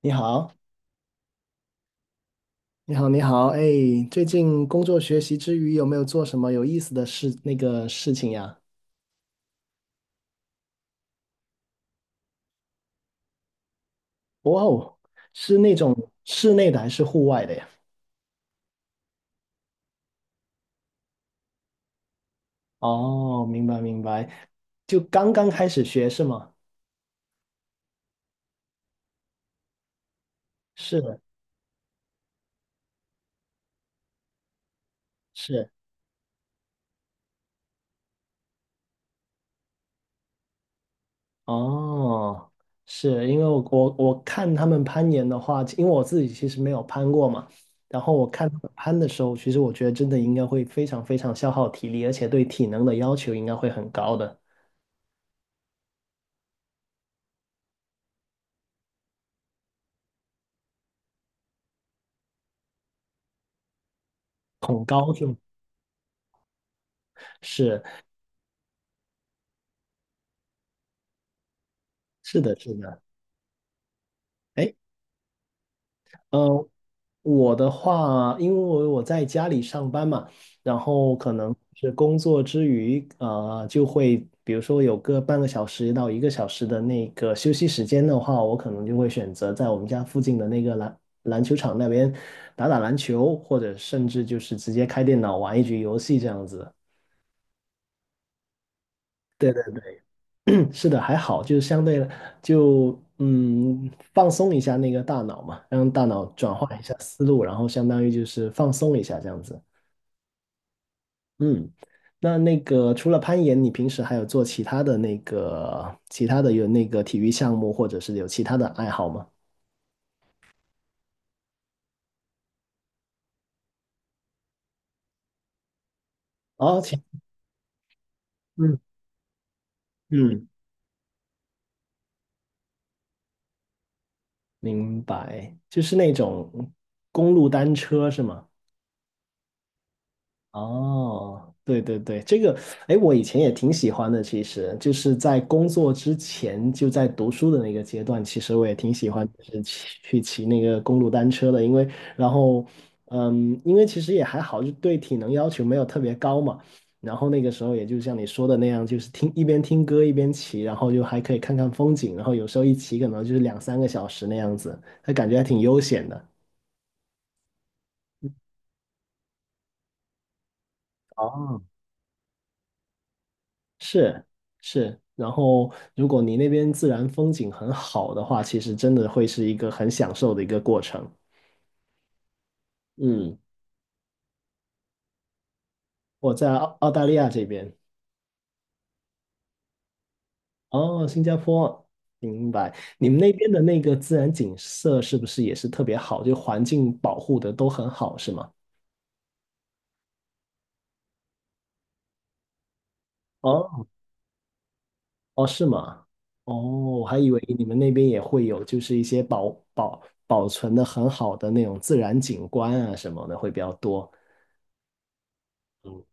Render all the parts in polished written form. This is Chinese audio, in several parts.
你好，你好，哎，最近工作学习之余，有没有做什么有意思的事，事情呀？哇哦，是那种室内的还是户外的呀？哦，明白，就刚刚开始学是吗？是的是，哦，是因为我看他们攀岩的话，因为我自己其实没有攀过嘛，然后我看他们攀的时候，其实我觉得真的应该会非常非常消耗体力，而且对体能的要求应该会很高的，恐高是吗？是是的，是的。哎，呃，我的话，因为我在家里上班嘛，然后可能是工作之余，就会比如说有个半个小时到一个小时的那个休息时间的话，我可能就会选择在我们家附近的那个篮球场那边打打篮球，或者甚至就是直接开电脑玩一局游戏这样子。对 是的，还好，就是相对就放松一下那个大脑嘛，让大脑转换一下思路，然后相当于就是放松一下这样子。嗯，那那个除了攀岩，你平时还有做其他的那个其他的有那个体育项目，或者是有其他的爱好吗？哦，其嗯嗯，明白，就是那种公路单车是吗？哦，对，这个，哎，我以前也挺喜欢的。其实就是在工作之前，就在读书的那个阶段，其实我也挺喜欢，就是骑那个公路单车的。因为，然后，嗯，因为其实也还好，就对体能要求没有特别高嘛。然后那个时候，也就像你说的那样，就是一边听歌一边骑，然后就还可以看看风景，然后有时候一骑可能就是两三个小时那样子，那感觉还挺悠闲的。哦，是，是，然后如果你那边自然风景很好的话，其实真的会是一个很享受的一个过程。嗯，我在澳大利亚这边，哦，新加坡，明白。你们那边的那个自然景色是不是也是特别好？就环境保护的都很好，是吗？哦，哦，是吗？哦，我还以为你们那边也会有，就是一些保存的很好的那种自然景观啊什么的会比较多。嗯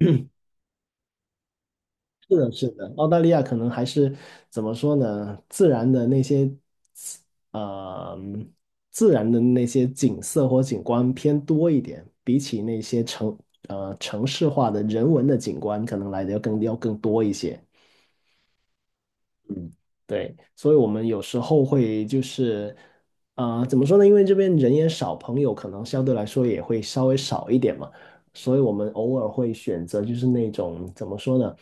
是的，是的，澳大利亚可能还是怎么说呢？自然的那些，呃，自然的那些景色或景观偏多一点，比起那些城市化的人文的景观，可能来的要更多一些。嗯，对，所以我们有时候会就是，呃，怎么说呢？因为这边人也少，朋友可能相对来说也会稍微少一点嘛，所以我们偶尔会选择就是那种怎么说呢？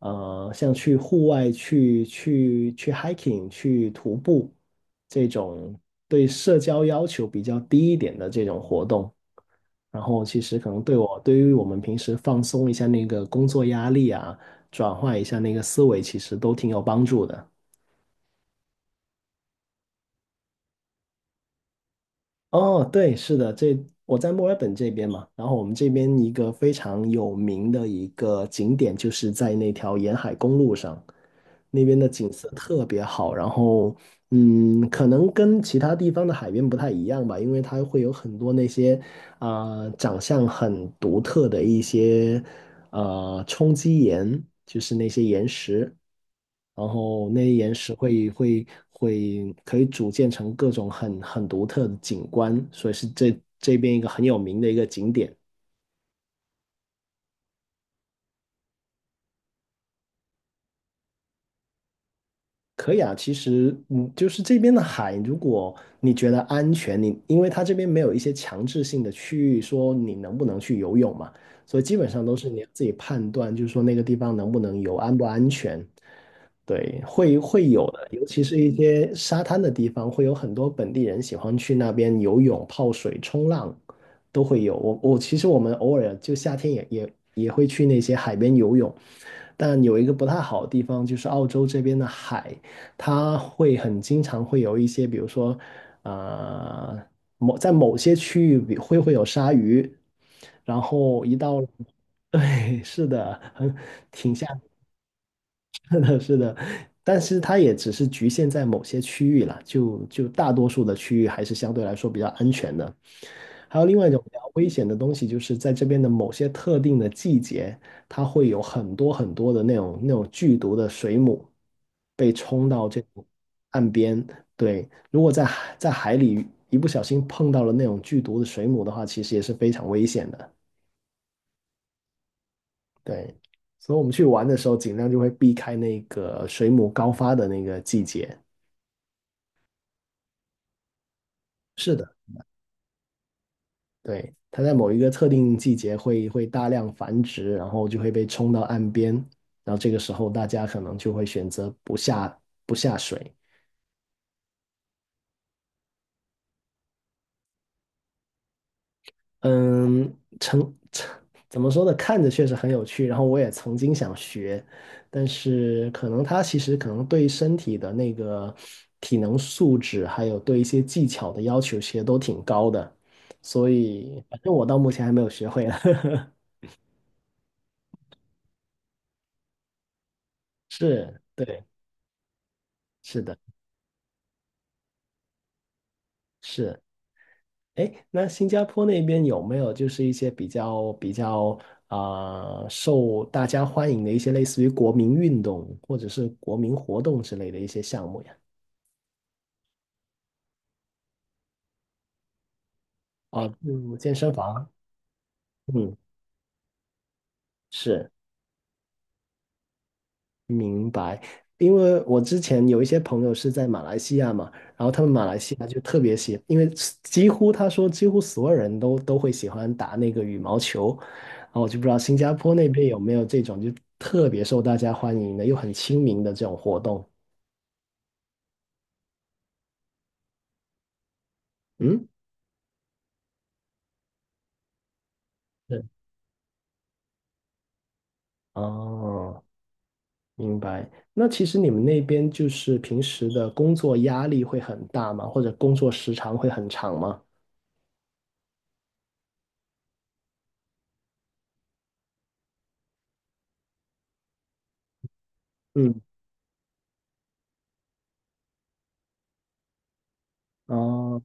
呃，像去户外去 hiking 去徒步这种对社交要求比较低一点的这种活动。然后其实可能对我，对于我们平时放松一下那个工作压力啊，转换一下那个思维，其实都挺有帮助的。哦，对，是的，这，我在墨尔本这边嘛，然后我们这边一个非常有名的一个景点，就是在那条沿海公路上，那边的景色特别好。然后，嗯，可能跟其他地方的海边不太一样吧，因为它会有很多那些啊、长相很独特的一些冲击岩，就是那些岩石，然后那些岩石会可以组建成各种很独特的景观，所以是这边一个很有名的一个景点。可以啊，其实嗯，就是这边的海，如果你觉得安全，你因为它这边没有一些强制性的区域说你能不能去游泳嘛，所以基本上都是你自己判断，就是说那个地方能不能游，安不安全。对，会有的，尤其是一些沙滩的地方，会有很多本地人喜欢去那边游泳、泡水、冲浪，都会有。我其实我们偶尔就夏天也会去那些海边游泳，但有一个不太好的地方，就是澳洲这边的海。它经常会有一些，比如说，呃，在某些区域会有鲨鱼，然后一到，对，是的，很，挺吓 是的，是的，但是它也只是局限在某些区域啦，就大多数的区域还是相对来说比较安全的。还有另外一种比较危险的东西，就是在这边的某些特定的季节，它会有很多很多的那种剧毒的水母被冲到这种岸边。对，如果在海里一不小心碰到了那种剧毒的水母的话，其实也是非常危险的。对，所以我们去玩的时候，尽量就会避开那个水母高发的那个季节。是的，对，它在某一个特定季节会大量繁殖，然后就会被冲到岸边，然后这个时候大家可能就会选择不下水。嗯，成，怎么说呢？看着确实很有趣，然后我也曾经想学，但是可能它其实可能对身体的那个体能素质，还有对一些技巧的要求，其实都挺高的，所以反正我到目前还没有学会了。是，对，是的，是。哎，那新加坡那边有没有就是一些比较啊、受大家欢迎的一些类似于国民运动或者是国民活动之类的一些项目呀？啊，嗯，健身房。嗯，是，明白。因为我之前有一些朋友是在马来西亚嘛，然后他们马来西亚就特别喜，因为他说几乎所有人都会喜欢打那个羽毛球，然后我就不知道新加坡那边有没有这种就特别受大家欢迎的又很亲民的这种活动。嗯，是，哦，明白。那其实你们那边就是平时的工作压力会很大吗？或者工作时长会很长吗？嗯，哦，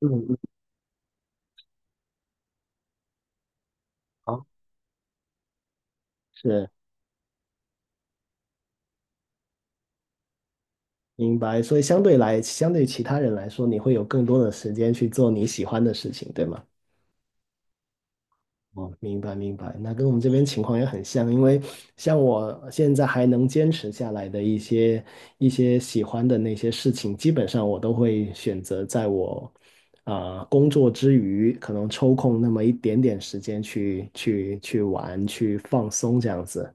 嗯，嗯，好，是。明白。所以相对来，相对于其他人来说，你会有更多的时间去做你喜欢的事情，对吗？哦，明白。那跟我们这边情况也很像，因为像我现在还能坚持下来的一些喜欢的那些事情，基本上我都会选择在我啊、工作之余，可能抽空那么一点点时间去玩、去放松这样子。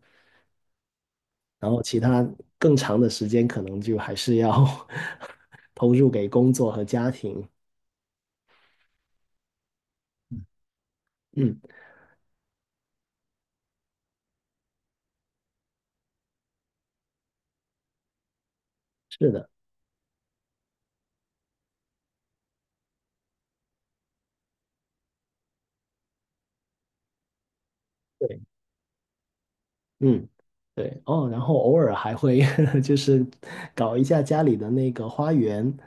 然后其他更长的时间，可能就还是要 投入给工作和家庭。嗯，是的，对，嗯，对，哦，然后偶尔还会 就是搞一下家里的那个花园，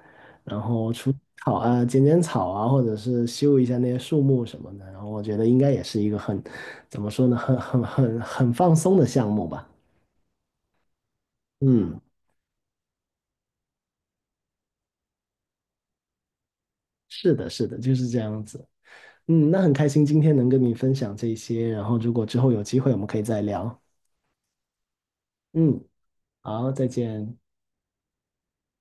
然后除草啊、剪剪草啊，或者是修一下那些树木什么的，然后我觉得应该也是一个很，怎么说呢，很放松的项目吧。嗯，是的，是的，就是这样子。嗯，那很开心今天能跟你分享这些，然后如果之后有机会，我们可以再聊。嗯，好，再见。